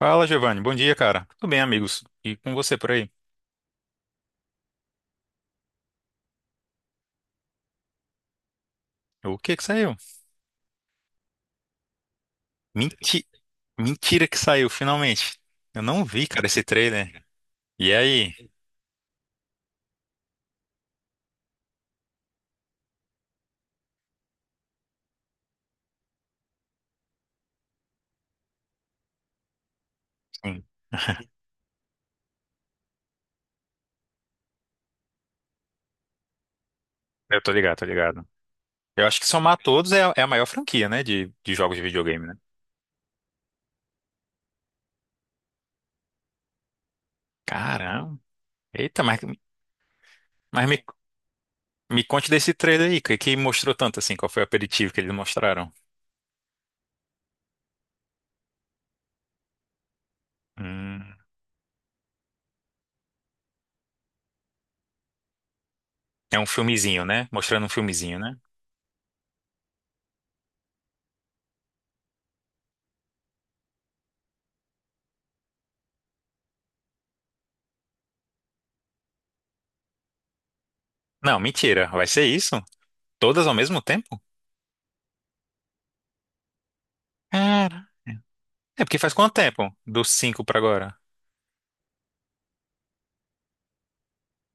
Fala, Giovanni. Bom dia, cara. Tudo bem, amigos? E com você por aí? O que que saiu? Menti... Mentira que saiu, finalmente. Eu não vi, cara, esse trailer. E aí? Sim, eu tô ligado, tô ligado. Eu acho que somar todos é a maior franquia, né, de jogos de videogame, né? Caramba. Eita, mas me conte desse trailer aí, que mostrou tanto assim, qual foi o aperitivo que eles mostraram? Hum, é um filmezinho, né? Mostrando um filmezinho, né? Não, mentira. Vai ser isso? Todas ao mesmo tempo? Cara, é. É porque faz quanto tempo? Dos cinco pra agora?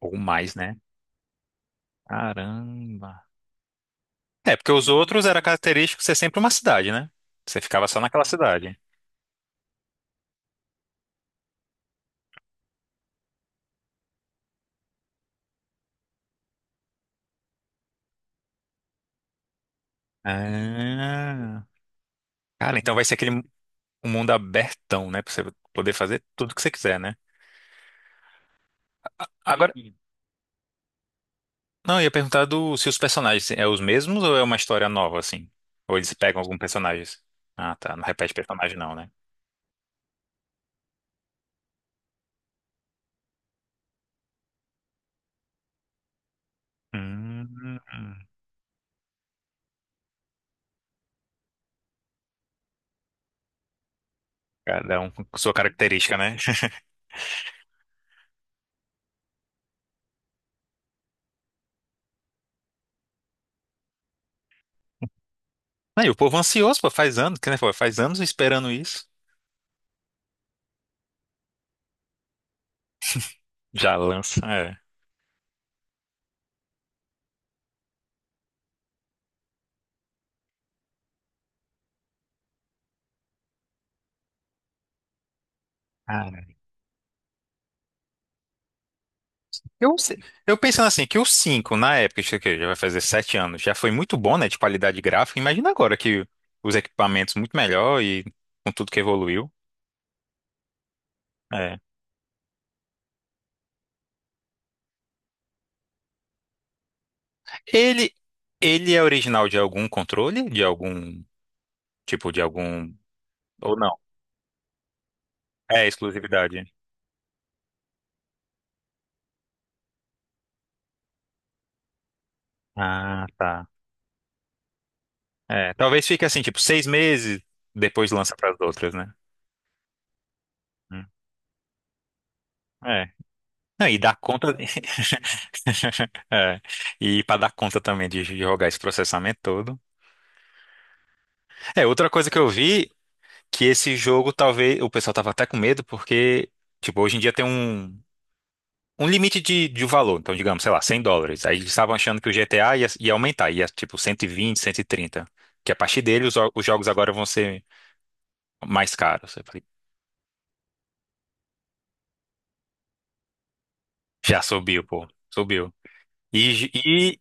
Ou mais, né? Caramba. É, porque os outros era característico ser sempre uma cidade, né? Você ficava só naquela cidade. Ah, cara, então vai ser aquele um mundo abertão, né? Pra você poder fazer tudo que você quiser, né? Agora, não, eu ia perguntar do, se os personagens é os mesmos ou é uma história nova, assim? Ou eles pegam algum personagem? Ah, tá. Não repete personagem, não, né? Hum, cada um com sua característica, né? Aí, o povo ansioso, pô, faz anos, que nem foi, faz anos esperando isso. Já lança, é. Cara, eu, se- eu pensando assim, que o 5 na época, isso aqui já vai fazer 7 anos, já foi muito bom, né, de qualidade gráfica. Imagina agora que os equipamentos muito melhor e com tudo que evoluiu. É. Ele, ele é original de algum controle? De algum, tipo, de algum... Ou não? É exclusividade. Ah, tá. É, talvez fique assim, tipo, seis meses, depois lança para as outras, né? Hum, é. Não, e dar conta. É, e para dar conta também de jogar esse processamento todo. É, outra coisa que eu vi que esse jogo talvez o pessoal tava até com medo porque tipo, hoje em dia tem um limite de valor, então digamos, sei lá, 100 dólares. Aí eles estavam achando que o GTA ia, ia aumentar, ia tipo cento cento e vinte cento e trinta que a partir dele os jogos agora vão ser mais caros. Eu falei, já subiu, pô, subiu. E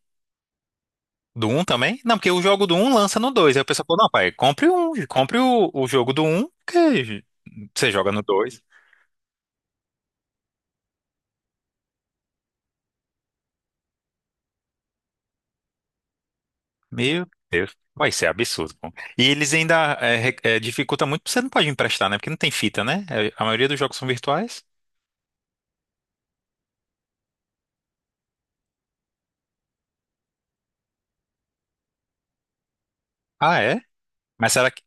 do um também? Não, porque o jogo do um lança no dois. Aí o pessoal falou, não, pai, compre um, compre o jogo do um que você joga no dois. Meu Deus, vai ser absurdo, pô. E eles ainda dificulta muito, porque você não pode emprestar, né? Porque não tem fita, né? É, a maioria dos jogos são virtuais. Ah, é? Mas será que,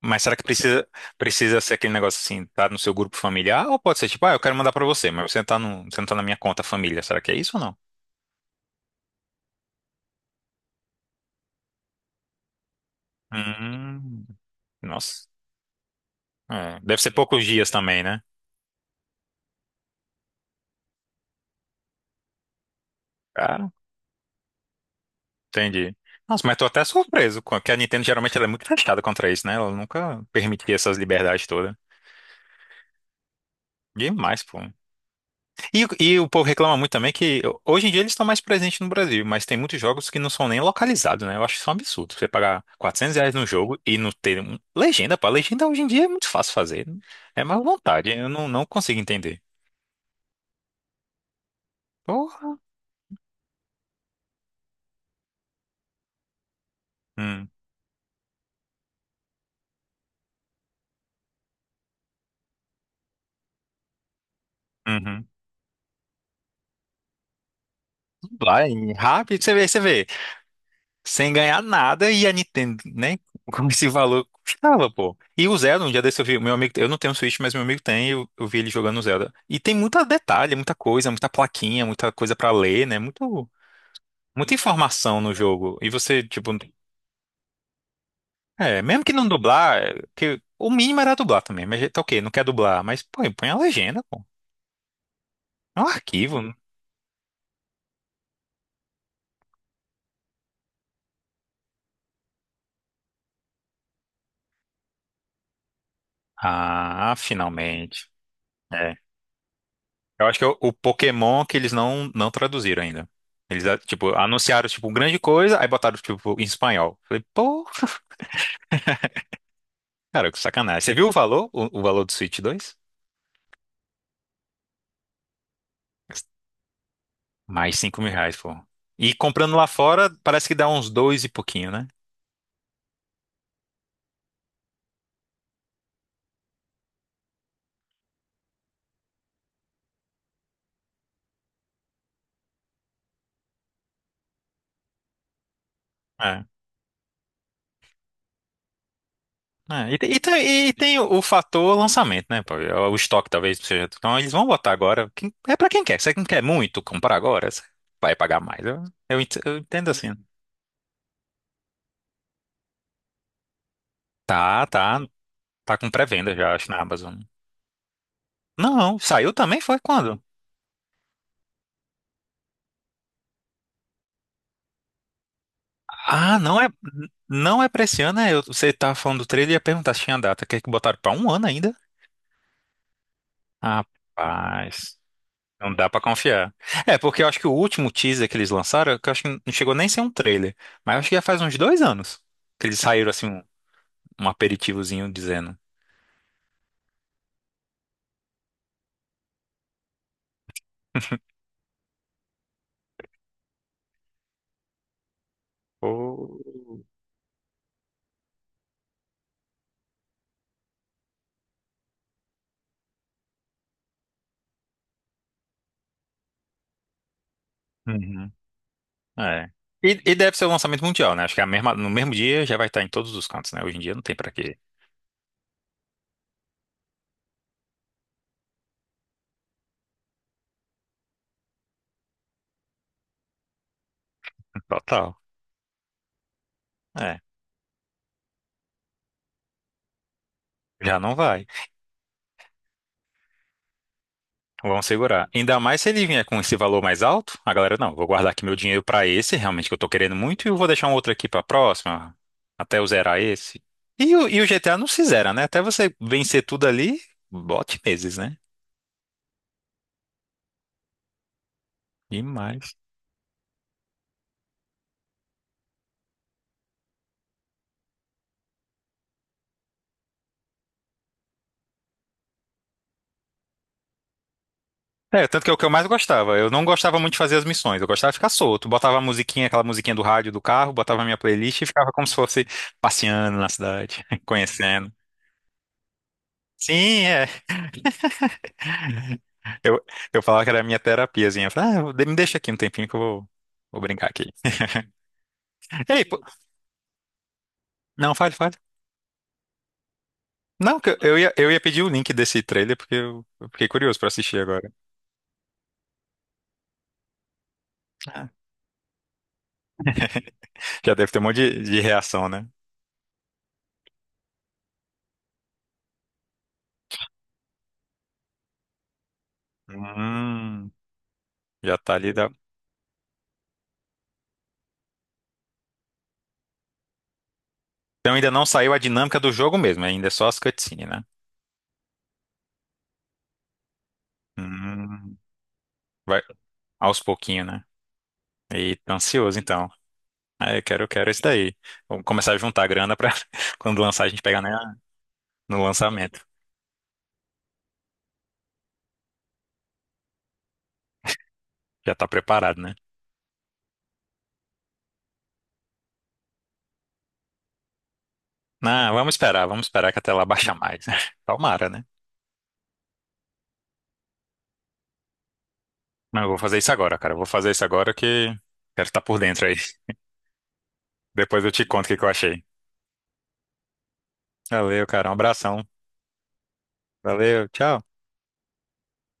mas será que precisa, precisa ser aquele negócio assim, tá no seu grupo familiar? Ou pode ser tipo, ah, eu quero mandar pra você, mas você tá no, você não tá na minha conta família. Será que é isso ou não? Hum, nossa. É, deve ser poucos dias também, né? Cara, entendi. Nossa, mas tô até surpreso, com- que a Nintendo geralmente ela é muito fechada contra isso, né? Ela nunca permitia essas liberdades todas. Demais, pô. E o povo reclama muito também que hoje em dia eles estão mais presentes no Brasil, mas tem muitos jogos que não são nem localizados, né? Eu acho isso um absurdo. Você pagar 400 reais num jogo e não ter um... legenda, pô. Legenda hoje em dia é muito fácil fazer. É mais vontade. Eu não, não consigo entender. Porra. Hum. Uhum. Vai, rápido, você vê, você vê. Sem ganhar nada e a Nintendo, né? Como esse valor custava, pô. E o Zelda, um dia desse eu vi, meu amigo, eu não tenho Switch, mas meu amigo tem, e eu vi ele jogando o Zelda. E tem muita detalhe, muita coisa, muita plaquinha, muita coisa pra ler, né? Muito, muita informação no jogo. E você, tipo, é, mesmo que não dublar, é, que o mínimo era dublar também, mas tá ok, não quer dublar, mas põe a legenda, pô. É um arquivo, né? Ah, finalmente. É. Eu acho que é o Pokémon que eles não traduziram ainda. Eles, ah, tipo, anunciaram, tipo, grande coisa, aí botaram, tipo, em espanhol. Falei, pô, cara, que sacanagem. Você viu o valor? O valor do Switch dois. Mais 5 mil reais, pô. E comprando lá fora, parece que dá uns dois e pouquinho, né? É. É, e tem o fator lançamento, né, pô? É o estoque talvez seja. Então eles vão botar agora. Quem- é pra quem quer. Você não quer muito comprar agora, você vai pagar mais. Eu entendo assim. Tá, tá. Tá com pré-venda já, acho, na Amazon. Não, saiu também foi quando? Ah, não é pra esse ano, é, eu- você tava falando do trailer e ia perguntar se tinha data. Quer que botaram pra um ano ainda? Rapaz, não dá pra confiar. É, porque eu acho que o último teaser que eles lançaram, que eu acho que não chegou nem a ser um trailer, mas eu acho que já faz uns dois anos que eles saíram assim um, um aperitivozinho dizendo. Oh. Uhum, é. E deve ser o lançamento mundial, né? Acho que é a mesma, no mesmo dia já vai estar em todos os cantos, né? Hoje em dia não tem pra quê. Total. É, já não vai. Vamos segurar. Ainda mais se ele vier com esse valor mais alto, a galera, não, vou guardar aqui meu dinheiro pra esse, realmente que eu tô querendo muito, e eu vou deixar um outro aqui pra próxima, até eu zerar esse. E o GTA não se zera, né? Até você vencer tudo ali, bote meses, né? Demais. É, tanto que é o que eu mais gostava. Eu não gostava muito de fazer as missões, eu gostava de ficar solto. Botava a musiquinha, aquela musiquinha do rádio do carro, botava a minha playlist e ficava como se fosse passeando na cidade, conhecendo. Sim, é, Eu, eu falava que era a minha terapiazinha. Eu falava, ah, me deixa aqui um tempinho que vou brincar aqui. Ei, pô, não, fale, fale. Não, que eu ia pedir o link desse trailer porque eu fiquei curioso pra assistir agora. Ah. Já deve ter um monte de reação, né? Hum, já tá ali. Da... Então ainda não saiu a dinâmica do jogo mesmo, ainda é só as cutscenes, né? Hum, vai aos pouquinhos, né? E tô ansioso então. Ah, eu quero esse daí. Vamos começar a juntar a grana pra quando lançar a gente pegar né, no lançamento. Já tá preparado, né? Não, vamos esperar que a tela baixa mais. Tomara, né? Não, eu vou fazer isso agora, cara. Eu vou fazer isso agora que quero estar por dentro aí. Depois eu te conto o que que eu achei. Valeu, cara. Um abração. Valeu, tchau.